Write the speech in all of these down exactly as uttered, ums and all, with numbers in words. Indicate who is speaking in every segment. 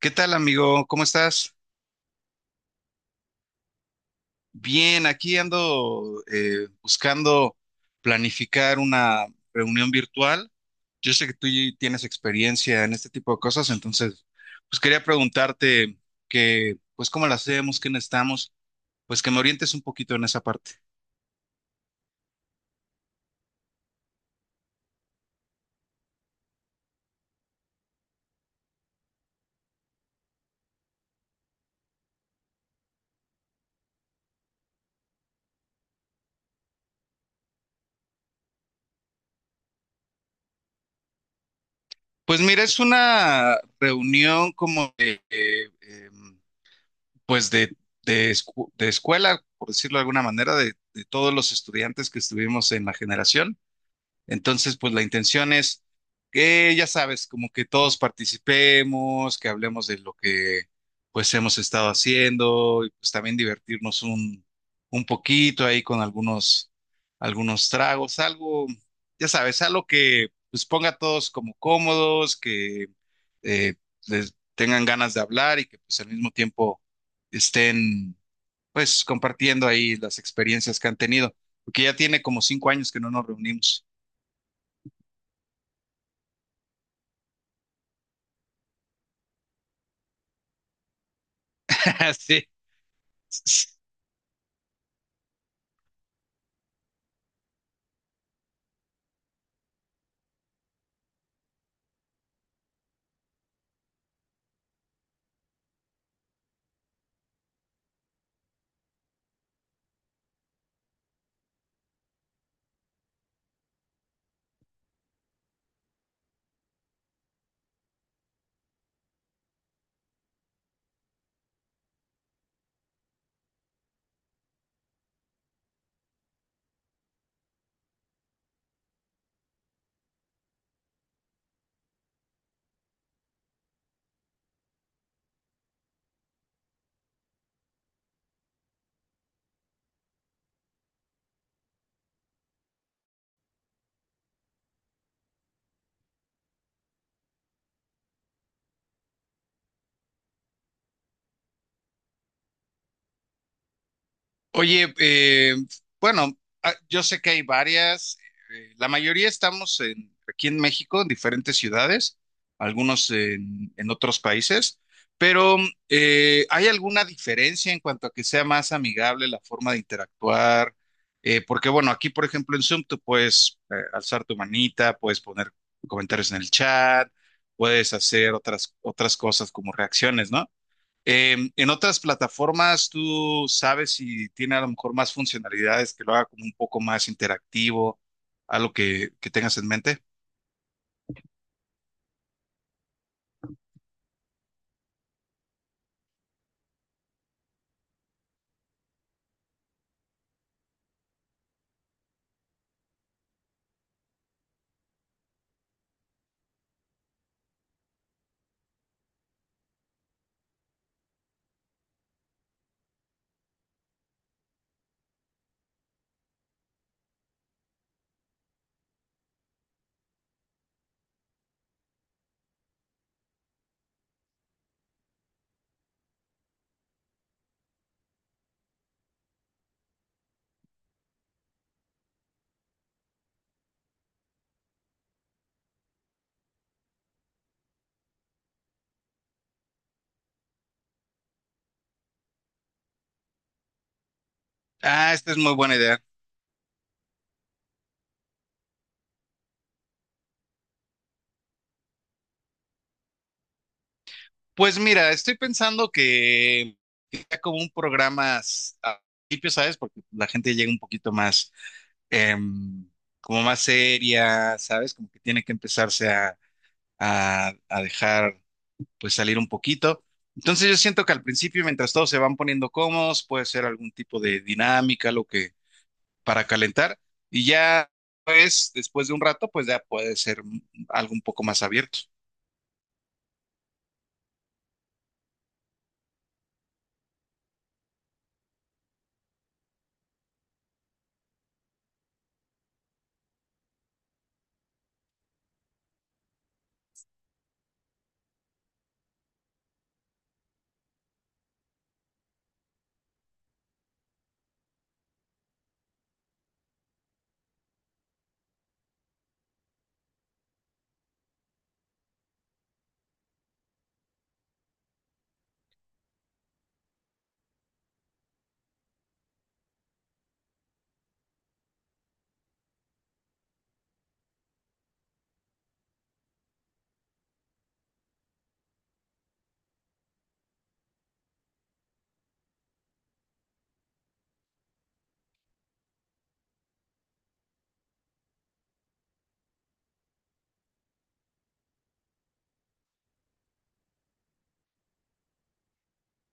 Speaker 1: ¿Qué tal, amigo? ¿Cómo estás? Bien, aquí ando eh, buscando planificar una reunión virtual. Yo sé que tú y- tienes experiencia en este tipo de cosas, entonces, pues quería preguntarte que, pues, cómo la hacemos, qué necesitamos, pues que me orientes un poquito en esa parte. Pues mira, es una reunión como de, eh, em, pues, de, de, escu- de escuela, por decirlo de alguna manera, de de todos los estudiantes que estuvimos en la generación. Entonces, pues la intención es que, ya sabes, como que todos participemos, que hablemos de lo que pues hemos estado haciendo y pues también divertirnos un, un poquito ahí con algunos, algunos tragos, algo, ya sabes, algo que pues ponga a todos como cómodos, que eh, les tengan ganas de hablar y que pues al mismo tiempo estén pues compartiendo ahí las experiencias que han tenido, porque ya tiene como cinco años que no nos reunimos. Así es. Oye, eh, bueno, ah, yo sé que hay varias, eh, la mayoría estamos en- aquí en México, en diferentes ciudades, algunos en, en otros países, pero mm, eh, ¿hay alguna diferencia en cuanto a que sea más amigable la forma de interactuar? Eh, porque bueno, aquí por ejemplo en Zoom tú puedes eh, alzar tu manita, puedes poner comentarios en el chat, puedes hacer otras, otras cosas como reacciones, ¿no? Eh, en otras plataformas, tú sabes si tiene a lo mejor más funcionalidades que lo haga como un poco más interactivo, algo que, que tengas en mente. Ah, esta es muy buena idea. Pues mira, estoy pensando que, que sea como un programa s- al principio, ¿sabes? Porque la gente llega un poquito más, em, como más seria, ¿sabes? Como que tiene que empezarse a, a, a dejar pues salir un poquito. Entonces yo siento que al principio, mientras todos se van poniendo cómodos, puede ser algún tipo de dinámica, lo que para calentar, y ya pues después de un rato, pues ya puede ser algo un poco más abierto.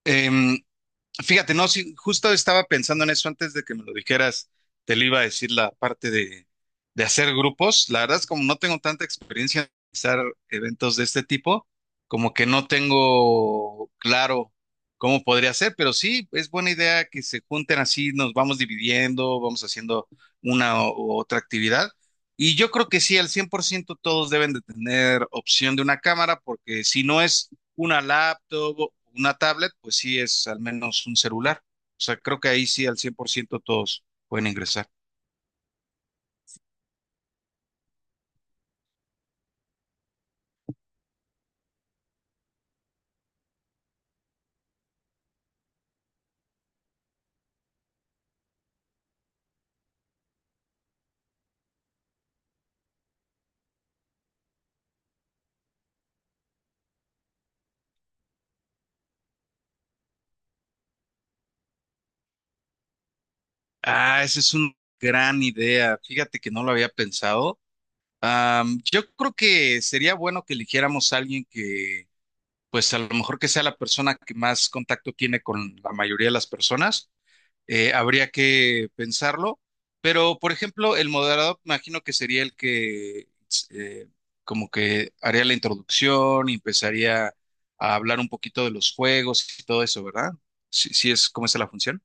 Speaker 1: Em, Fíjate, no, sí, justo estaba pensando en eso antes de que me lo dijeras, te lo iba a decir la parte de, de hacer grupos. La verdad es como no tengo tanta experiencia en realizar eventos de este tipo, como que no tengo claro cómo podría ser, pero sí, es buena idea que se junten así, nos vamos dividiendo, vamos haciendo una u otra actividad. Y yo creo que sí, al cien por ciento todos deben de tener opción de una cámara, porque si no es una laptop, o una tablet, pues sí es al menos un celular. O sea, creo que ahí sí al cien por ciento todos pueden ingresar. Ah, esa es una gran idea. Fíjate que no lo había pensado. Am, yo creo que sería bueno que eligiéramos a alguien que, pues a lo mejor que sea la persona que más contacto tiene con la mayoría de las personas eh, habría que pensarlo. Pero, por ejemplo, el moderador, imagino que sería el que eh, como que haría la introducción y empezaría a hablar un poquito de los juegos y todo eso, ¿verdad? Si, si es como es la función.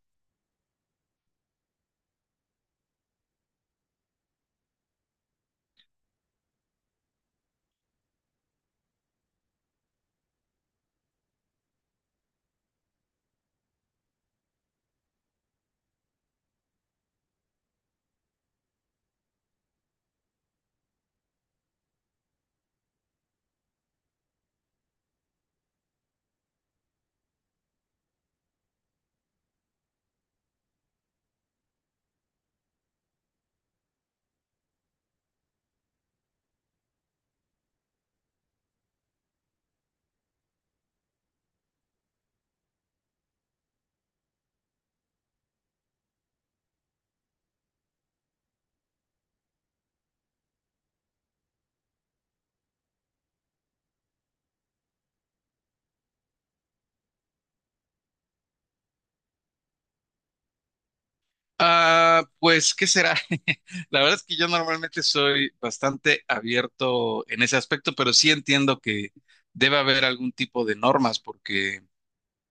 Speaker 1: Ah, pues, ¿qué será? La verdad es que yo normalmente soy bastante abierto en ese aspecto, pero sí entiendo que debe haber algún tipo de normas, porque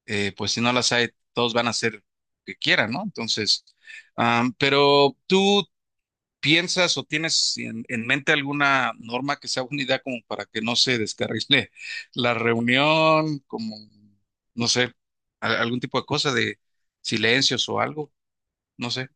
Speaker 1: eh, pues si no las hay, todos van a hacer lo que quieran, ¿no? Entonces, am, pero ¿tú piensas o tienes en, en mente alguna norma que sea una idea como para que no se descarrile la reunión, como, no sé, a- algún tipo de cosa de silencios o algo? No sé.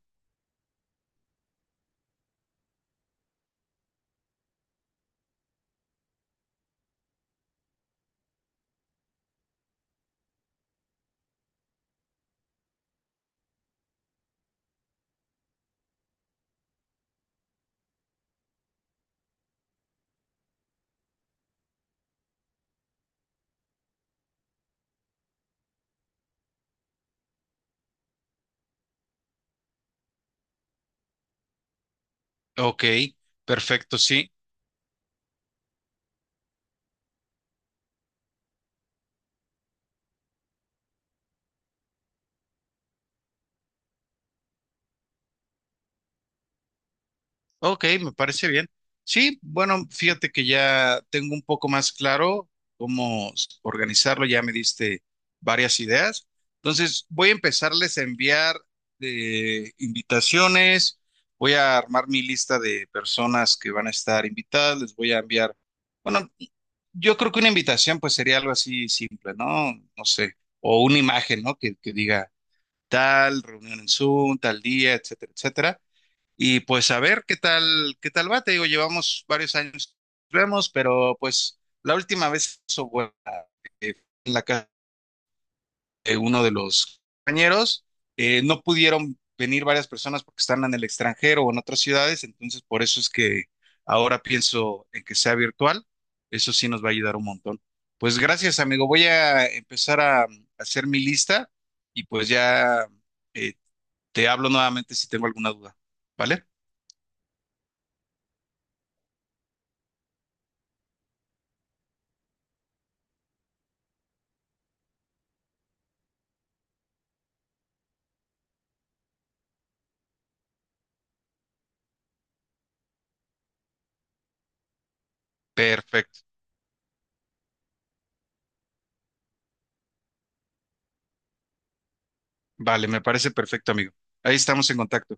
Speaker 1: Ok, perfecto, sí. Ok, me parece bien. Sí, bueno, fíjate que ya tengo un poco más claro cómo s- organizarlo, ya me diste varias ideas. Entonces, voy a empezarles a enviar eh, invitaciones, voy a armar mi lista de personas que van a estar invitadas, les voy a enviar, bueno, yo creo que una invitación pues sería algo así simple, ¿no? No sé, o una imagen, ¿no? Que, que diga tal reunión en Zoom, tal día, etcétera, etcétera. Y pues a ver qué tal, qué tal va. Te digo, llevamos varios años, vemos, pero pues la última vez eso fue eh, en la casa de uno de los compañeros. Eh, no pudieron venir varias personas porque están en el extranjero o en otras ciudades, entonces por eso es que ahora pienso en que sea virtual. Eso sí nos va a ayudar un montón. Pues gracias, amigo. Voy a empezar a, a hacer mi lista y pues ya eh, te hablo nuevamente si tengo alguna duda. ¿Vale? Perfecto. Vale, me parece perfecto, amigo. Ahí estamos en contacto.